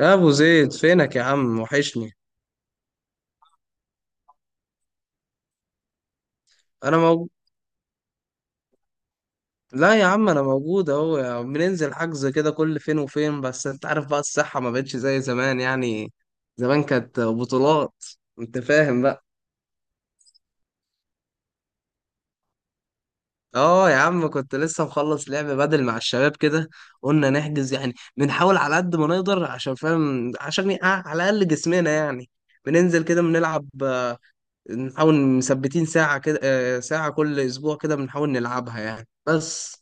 يا ابو زيد، فينك يا عم؟ وحشني. انا موجود. لا يا عم، انا موجود اهو يا عم. بننزل حجز كده كل فين وفين، بس انت عارف بقى، الصحة ما بقتش زي زمان يعني. زمان كانت بطولات. انت فاهم بقى؟ اه يا عم، كنت لسه مخلص لعب بدل مع الشباب كده. قلنا نحجز يعني، بنحاول على قد ما نقدر عشان فاهم، عشان على الاقل جسمنا يعني. بننزل كده بنلعب. نحاول مثبتين ساعة كده ساعة كل اسبوع كده بنحاول نلعبها يعني، بس.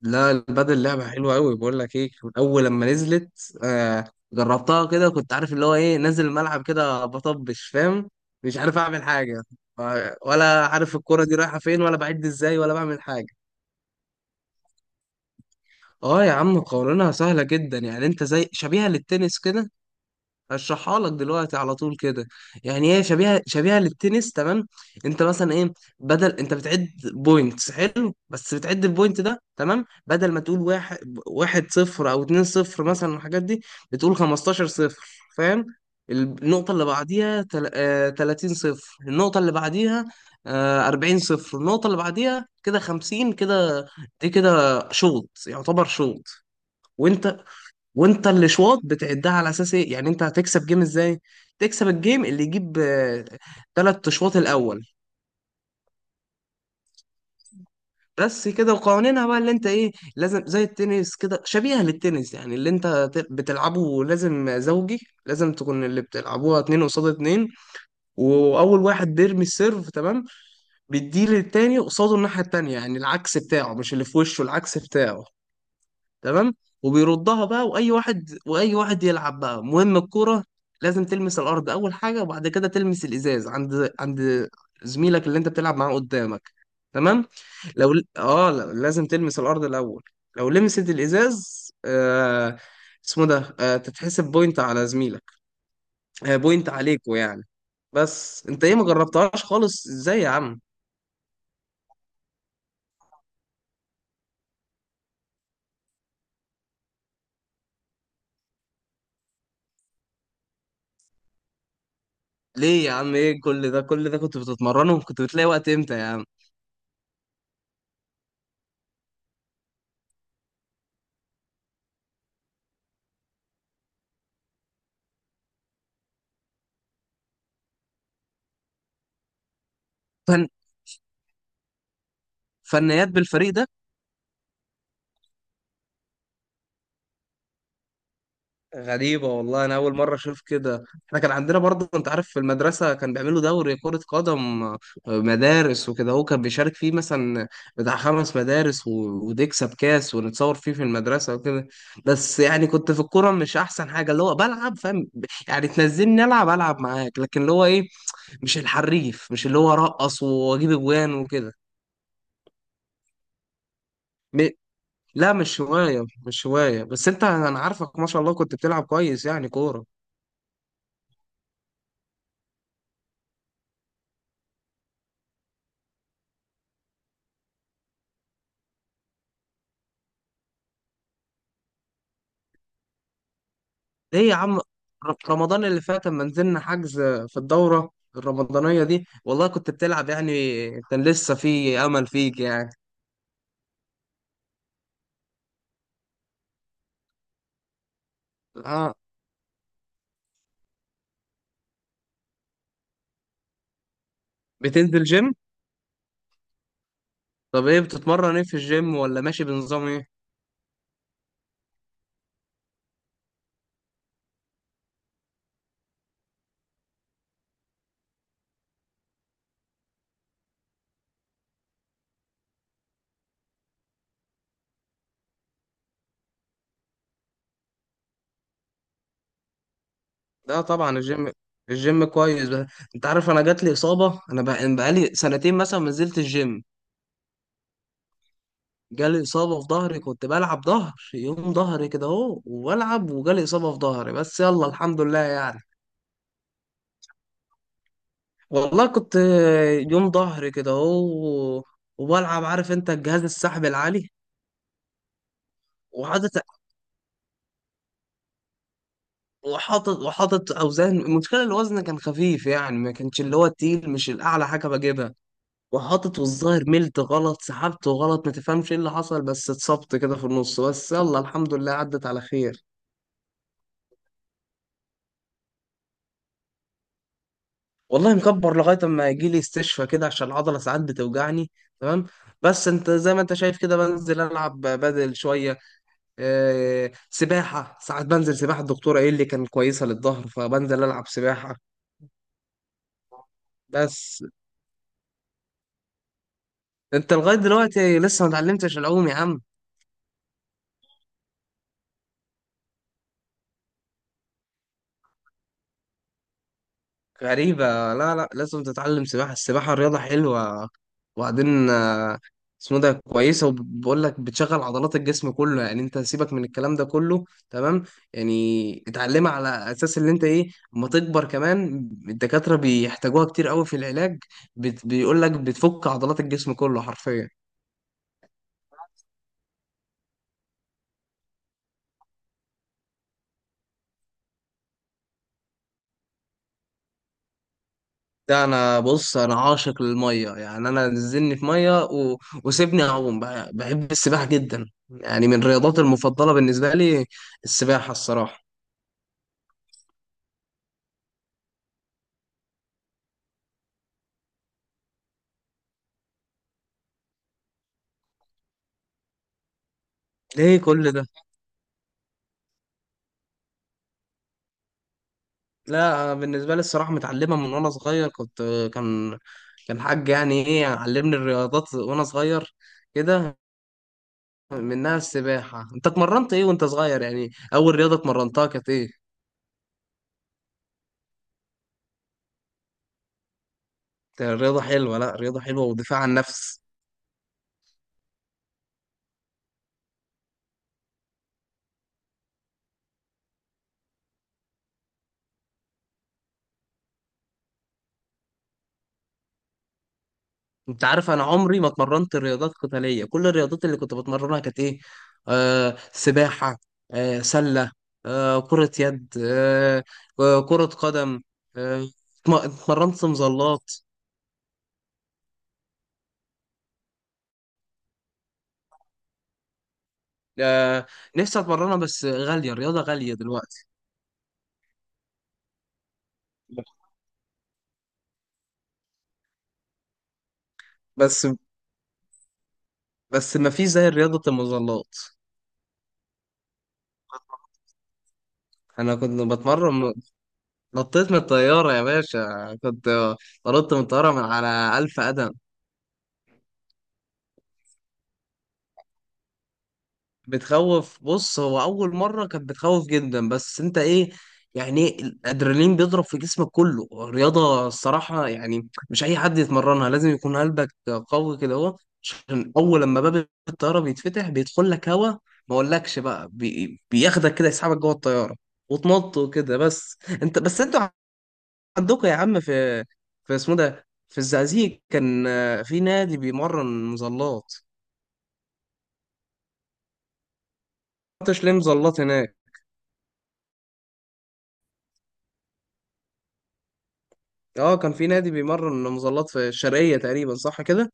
لا، البادل لعبة حلوة أوي، بقول لك إيه، من أول لما نزلت جربتها كده، كنت عارف اللي هو إيه، نازل الملعب كده بطبش فاهم، مش عارف أعمل حاجة. ولا عارف الكرة دي رايحة فين، ولا بعد إزاي، ولا بعمل حاجة. أه يا عم، قوانينها سهلة جدا يعني، أنت زي، شبيهة للتنس كده. هشرحها لك دلوقتي على طول كده. يعني هي شبيهه شبيهه للتنس، تمام. انت مثلا ايه، بدل، انت بتعد بوينتس، حلو، بس بتعد البوينت ده، تمام، بدل ما تقول واحد، واحد صفر او اتنين صفر مثلا الحاجات دي، بتقول 15 صفر. فاهم؟ النقطه اللي بعديها 30 صفر، النقطه اللي بعديها 40 صفر، النقطه اللي بعديها كده 50 كده، دي كده شوط يعتبر شوط. وانت، الاشواط بتعدها على اساس ايه؟ يعني انت هتكسب جيم ازاي؟ تكسب الجيم اللي يجيب ثلاث اشواط الاول. بس كده. وقوانينها بقى اللي انت ايه، لازم زي التنس كده، شبيهه للتنس يعني، اللي انت بتلعبه لازم زوجي، لازم تكون اللي بتلعبوها اتنين قصاد اتنين. واول واحد بيرمي السيرف، تمام، بيديه للتاني قصاده الناحيه التانيه، يعني العكس بتاعه، مش اللي في وشه، العكس بتاعه. تمام. وبيردها بقى، واي واحد واي واحد يلعب بقى، المهم الكرة لازم تلمس الارض اول حاجة، وبعد كده تلمس الازاز عند زميلك اللي انت بتلعب معاه قدامك. تمام. لو لا، لازم تلمس الارض الاول. لو لمست الازاز اسمه ده، تتحسب بوينت على زميلك، بوينت عليكوا يعني. بس انت ايه، ما جربتهاش خالص ازاي يا عم؟ ليه يا عم؟ ايه كل ده، كل ده كنت بتتمرنه؟ كنت بتلاقي وقت امتى يا عم؟ فن... فنيات بالفريق ده؟ غريبة والله، أنا أول مرة أشوف كده. إحنا كان عندنا برضه، أنت عارف، في المدرسة كان بيعملوا دوري كرة قدم مدارس وكده، هو كان بيشارك فيه مثلا بتاع خمس مدارس وتكسب كاس ونتصور فيه في المدرسة وكده. بس يعني كنت في الكورة مش أحسن حاجة، اللي هو بلعب فاهم، يعني تنزلني ألعب، ألعب معاك، لكن اللي هو إيه، مش الحريف، مش اللي هو أرقص وأجيب أجوان وكده. م- لا مش هواية، مش هواية، بس أنت، أنا عارفك ما شاء الله كنت بتلعب كويس يعني كورة. ليه يا عم؟ رمضان اللي فات لما نزلنا حجز في الدورة الرمضانية دي، والله كنت بتلعب يعني، كان لسه في أمل فيك يعني. اه. بتنزل جيم؟ طب ايه بتتمرن ايه في الجيم، ولا ماشي بنظام ايه؟ لا طبعا، الجيم، الجيم كويس بقى. انت عارف انا جات لي إصابة، بقالي سنتين مثلا ما نزلت الجيم. جالي إصابة في ظهري، كنت بلعب ظهر، يوم ظهري كده اهو وبلعب، وجالي إصابة في ظهري، بس يلا الحمد لله يعني. والله كنت، يوم ظهر كده اهو وبلعب، عارف انت الجهاز السحب العالي، وحاطط، وحاطط، اوزان. المشكله الوزن كان خفيف يعني، ما كانش اللي هو التقيل، مش الاعلى حاجه بجيبها، وحاطط، والظاهر ملت غلط، سحبت غلط، ما تفهمش ايه اللي حصل، بس اتصبت كده في النص، بس يلا الحمد لله عدت على خير. والله مكبر لغايه اما يجي لي استشفى كده، عشان العضله ساعات بتوجعني. تمام. بس انت زي ما انت شايف كده، بنزل العب بدل شويه، سباحة، ساعات بنزل سباحة، الدكتورة ايه اللي كان كويسة للظهر، فبنزل ألعب سباحة. بس انت لغاية دلوقتي لسه ما اتعلمتش العوم يا عم؟ غريبة. لا، لا، لازم تتعلم سباحة، السباحة رياضة حلوة. وبعدين اسمه ده، كويسة، وبقول لك بتشغل عضلات الجسم كله يعني، انت سيبك من الكلام ده كله، تمام. يعني اتعلمها، على اساس اللي انت ايه، اما تكبر كمان، الدكاترة بيحتاجوها كتير قوي في العلاج. بيقول لك بتفك عضلات الجسم كله حرفيا. ده انا، بص انا عاشق للميه يعني، انا نزلني في ميه وسيبني اعوم بقى. بحب السباحه جدا يعني، من الرياضات المفضله بالنسبه لي السباحه الصراحه. ليه كل ده؟ لا أنا بالنسبه لي الصراحه متعلمه من وانا صغير، كنت كان كان حاج يعني ايه، علمني الرياضات وانا صغير كده، منها السباحه. انت اتمرنت ايه وانت صغير يعني، اول رياضه اتمرنتها كانت ايه؟ كانت رياضه حلوه، لا رياضه حلوه ودفاع عن النفس. انت عارف انا عمري ما اتمرنت رياضات قتاليه، كل الرياضات اللي كنت بتمرنها كانت ايه، سباحه، سله، كره يد، كره قدم، آه اتمرنت مظلات. آه نفسي اتمرنها، بس غاليه، الرياضه غاليه دلوقتي. بس بس ما فيش زي رياضه المظلات. انا كنت بتمرن، نطيت من الطياره يا باشا، كنت نطيت من الطياره من على 1000 قدم. بتخوف، بص، هو اول مره كانت بتخوف جدا، بس انت ايه، يعني إيه، الادرينالين بيضرب في جسمك كله، الرياضه الصراحه يعني مش اي حد يتمرنها، لازم يكون قلبك قوي كده اهو، عشان اول لما باب الطياره بيتفتح بيدخل لك هوا، ما اقولكش بقى، بياخدك كده يسحبك جوه الطياره، وتنط وكده. بس انتوا عندكم يا عم، في اسمه ده في الزقازيق، كان في نادي بيمرن مظلات. ما رحتش ليه مظلات هناك؟ اه، كان في نادي بيمرن مظلات في الشرقية تقريبا، صح كده؟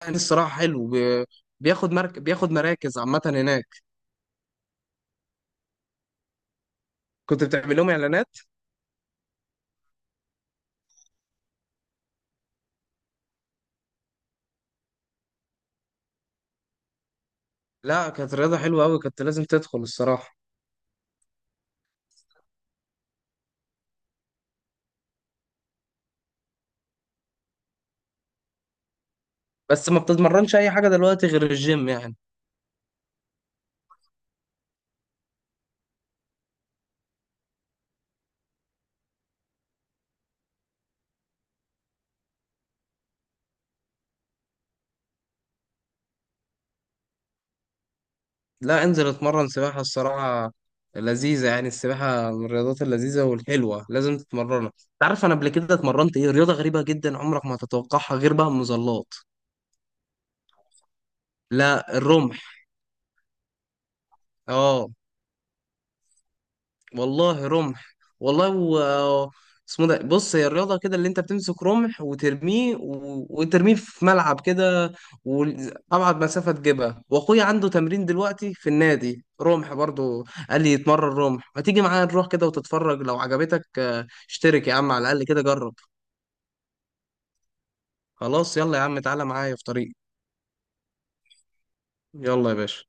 كان الصراحة حلو، بياخد مراكز عامة هناك. كنت بتعمل لهم اعلانات؟ لا، كانت رياضة حلوة قوي، كنت لازم تدخل الصراحة. بس ما بتتمرنش اي حاجة دلوقتي غير الجيم يعني؟ لا، انزل اتمرن سباحة الصراحة، لذيذة يعني، السباحة من الرياضات اللذيذة والحلوة، لازم تتمرنها. تعرف انا قبل كده اتمرنت ايه رياضة غريبة جدا عمرك ما هتتوقعها، غير بقى المظلات؟ لا، الرمح. اه والله رمح والله اسمه ده، بص هي الرياضة كده، اللي انت بتمسك رمح وترميه وترميه في ملعب كده، وأبعد مسافة تجيبها. وأخويا عنده تمرين دلوقتي في النادي رمح برضو، قال لي يتمرن رمح، ما تيجي معايا نروح كده وتتفرج، لو عجبتك اشترك يا عم، على الأقل كده جرب. خلاص، يلا يا عم، تعالى معايا في طريق. يلا يا باشا.